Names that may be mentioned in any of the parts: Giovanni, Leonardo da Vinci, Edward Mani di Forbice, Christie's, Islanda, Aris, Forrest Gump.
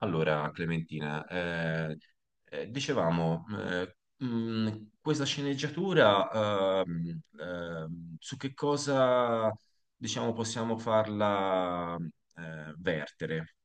Allora, Clementina, eh, eh, dicevamo, eh, Questa sceneggiatura, su che cosa possiamo farla vertere?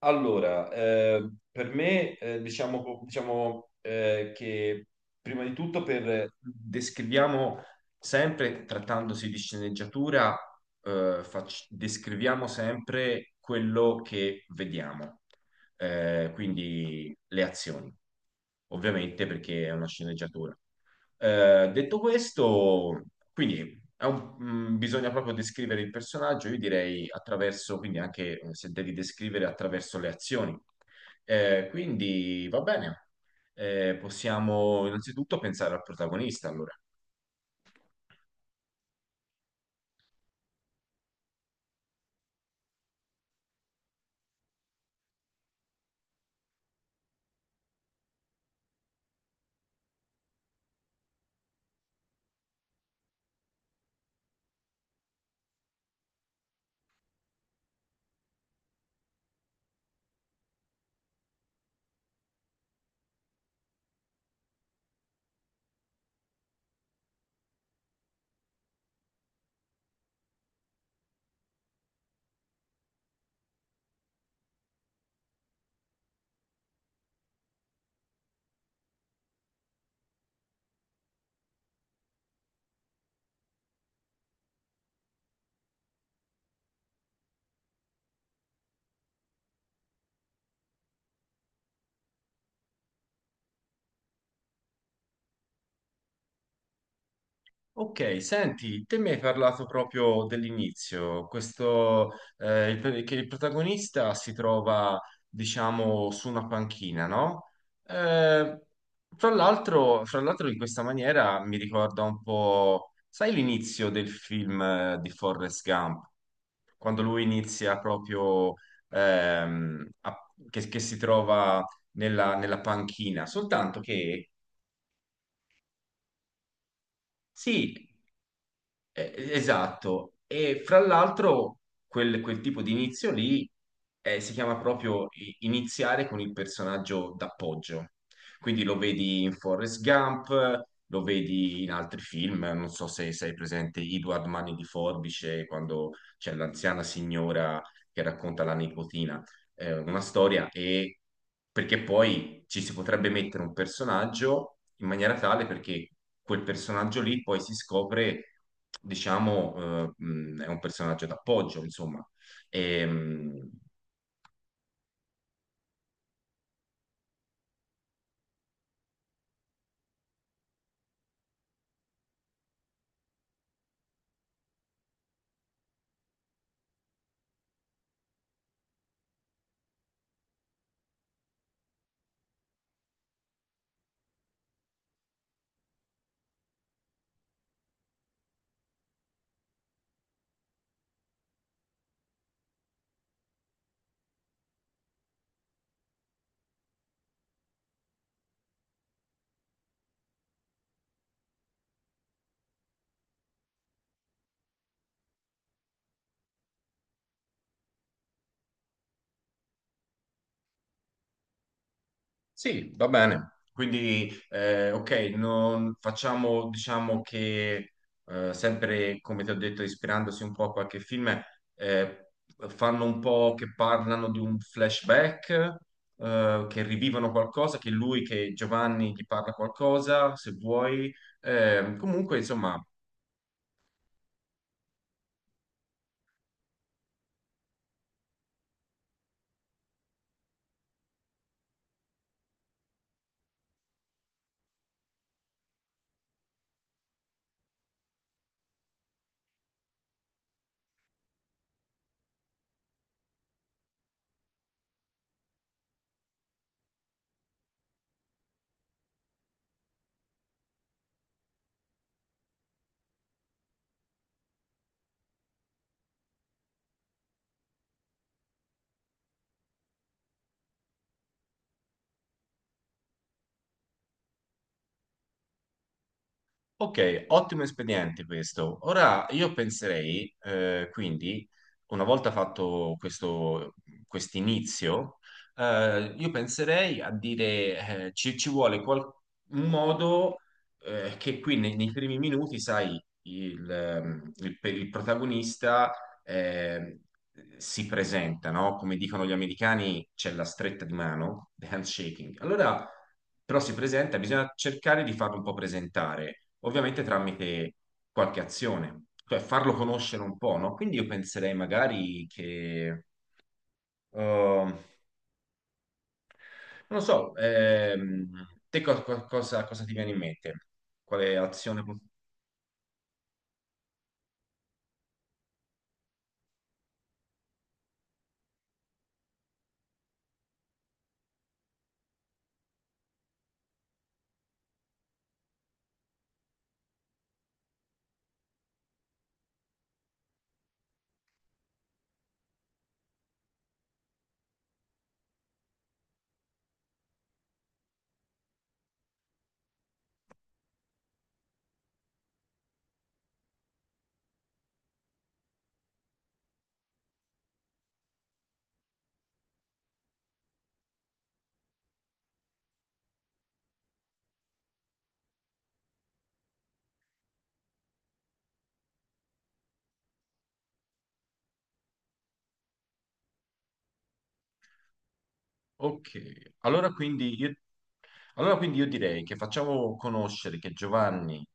Per me, che prima di tutto descriviamo sempre, trattandosi di sceneggiatura, descriviamo sempre quello che vediamo. Quindi le azioni, ovviamente perché è una sceneggiatura. Detto questo, quindi bisogna proprio descrivere il personaggio. Io direi attraverso, quindi anche se devi descrivere attraverso le azioni. Quindi va bene, possiamo innanzitutto pensare al protagonista, allora. Ok, senti, te mi hai parlato proprio dell'inizio, che il protagonista si trova, su una panchina, no? Eh, Fra l'altro, in questa maniera mi ricorda un po', sai l'inizio del film di Forrest Gump? Quando lui inizia proprio, ehm, a- che si trova nella panchina, soltanto che... Sì. Esatto, e fra l'altro quel tipo di inizio lì si chiama proprio iniziare con il personaggio d'appoggio. Quindi lo vedi in Forrest Gump, lo vedi in altri film, non so se sei presente Edward Mani di Forbice, quando c'è l'anziana signora che racconta la nipotina una storia, e perché poi ci si potrebbe mettere un personaggio in maniera tale perché quel personaggio lì poi si scopre, è un personaggio d'appoggio, insomma. Ehm, Sì, va bene. Quindi, ok, non facciamo, diciamo che sempre, come ti ho detto, ispirandosi un po' a qualche film, eh, fanno un po' che parlano di un flashback, che rivivono qualcosa, che Giovanni gli parla qualcosa, se vuoi. Comunque, insomma, ok, ottimo espediente questo. Ora io penserei, una volta fatto questo inizio, io penserei a dire, ci vuole un modo che qui nei primi minuti, sai, per il protagonista eh, si presenta, no? Come dicono gli americani, c'è la stretta di mano, the handshaking. Allora, però si presenta, bisogna cercare di farlo un po' presentare, ovviamente tramite qualche azione, cioè farlo conoscere un po', no? Quindi io penserei magari che, non lo so, te co- co- cosa, cosa ti viene in mente? Quale azione? Ok, allora quindi io direi che facciamo conoscere che Giovanni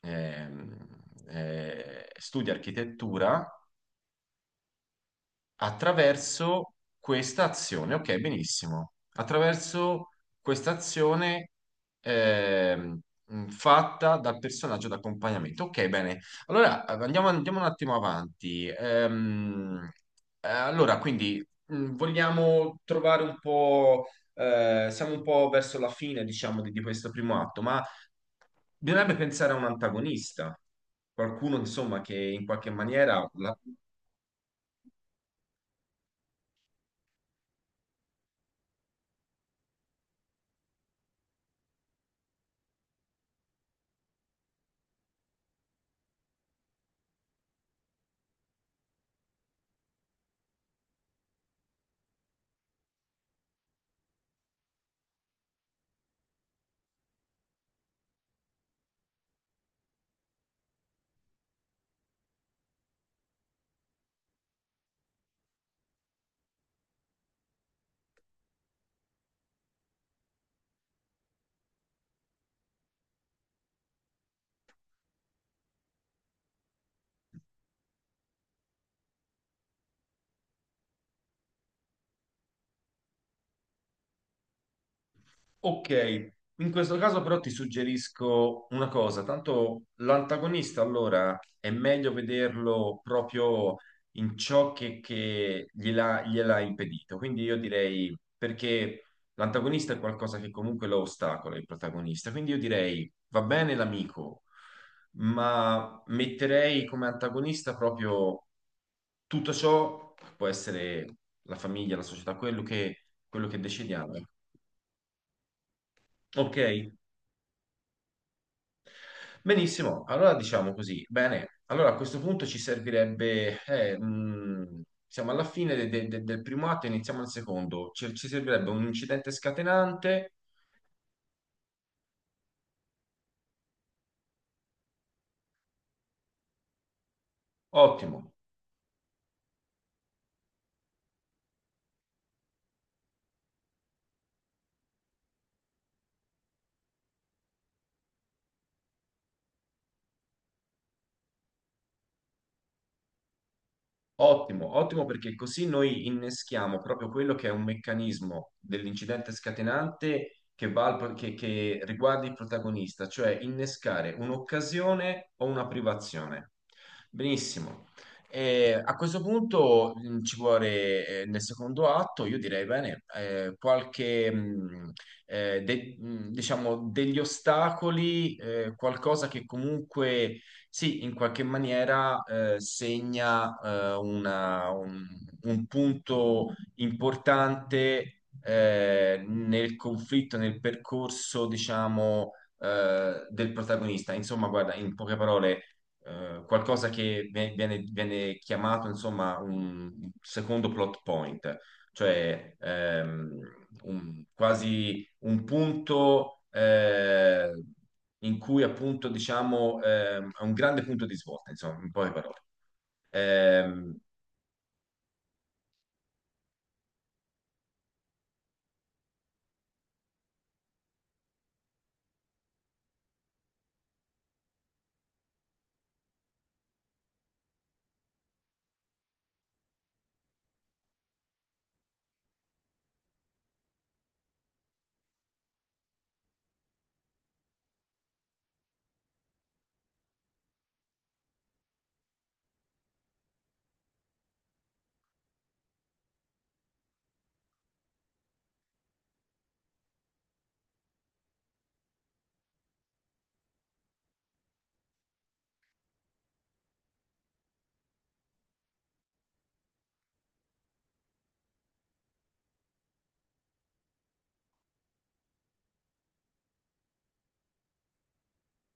ehm, studia architettura attraverso questa azione. Ok, benissimo. Attraverso questa azione ehm, fatta dal personaggio d'accompagnamento. Ok, bene. Allora, andiamo un attimo avanti. Vogliamo trovare un po'. Siamo un po' verso la fine, di questo primo atto, ma bisognerebbe pensare a un antagonista, qualcuno, insomma, che in qualche maniera ok, in questo caso però ti suggerisco una cosa, tanto l'antagonista allora è meglio vederlo proprio in ciò che gliela ha impedito, quindi io direi perché l'antagonista è qualcosa che comunque lo ostacola, il protagonista, quindi io direi va bene l'amico, ma metterei come antagonista proprio tutto ciò, può essere la famiglia, la società, quello quello che decidiamo. Ecco. Ok? Benissimo, allora diciamo così. Bene, allora a questo punto ci servirebbe, siamo alla fine del primo atto, iniziamo il secondo. Ci servirebbe un incidente scatenante, ottimo. Ottimo, ottimo perché così noi inneschiamo proprio quello che è un meccanismo dell'incidente scatenante che che riguarda il protagonista, cioè innescare un'occasione o una privazione. Benissimo. E a questo punto ci vuole, nel secondo atto, io direi bene, degli ostacoli, qualcosa che comunque sì, in qualche maniera segna un punto importante nel conflitto, nel percorso, del protagonista. Insomma, guarda, in poche parole, qualcosa che viene chiamato, insomma, un secondo plot point, cioè quasi un punto in cui appunto diciamo è un grande punto di svolta, insomma, in poche parole. Ehm,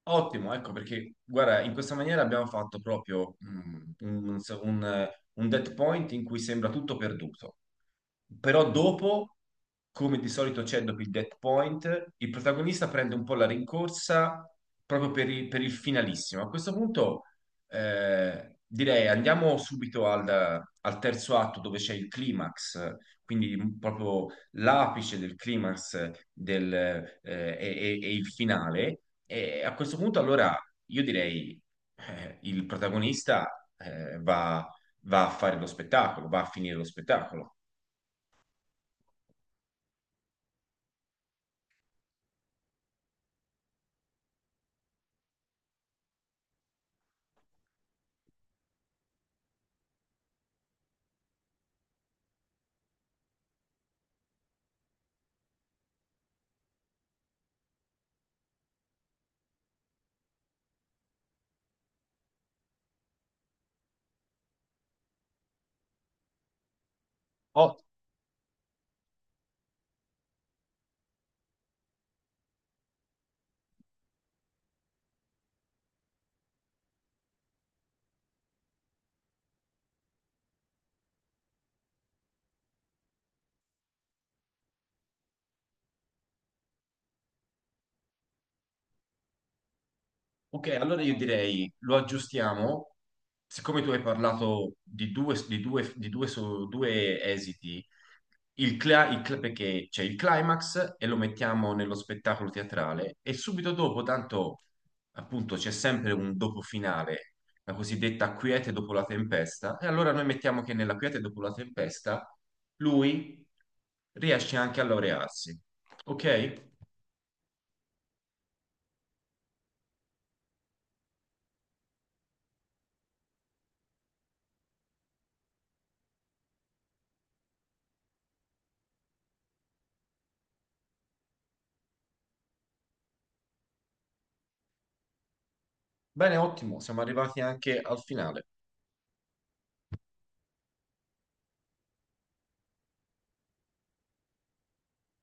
Ottimo, ecco perché guarda, in questa maniera abbiamo fatto proprio un dead point in cui sembra tutto perduto, però dopo, come di solito c'è dopo il dead point, il protagonista prende un po' la rincorsa proprio per il finalissimo. A questo punto direi andiamo subito al al terzo atto dove c'è il climax, quindi proprio l'apice del climax e il finale. E a questo punto, allora, io direi il protagonista va a fare lo spettacolo, va a finire lo spettacolo. Ok, allora io direi lo aggiustiamo, siccome tu hai parlato di due esiti, perché c'è il climax e lo mettiamo nello spettacolo teatrale, e subito dopo, tanto appunto c'è sempre un dopo finale, la cosiddetta quiete dopo la tempesta, e allora noi mettiamo che nella quiete dopo la tempesta lui riesce anche a laurearsi. Ok? Bene, ottimo, siamo arrivati anche al finale.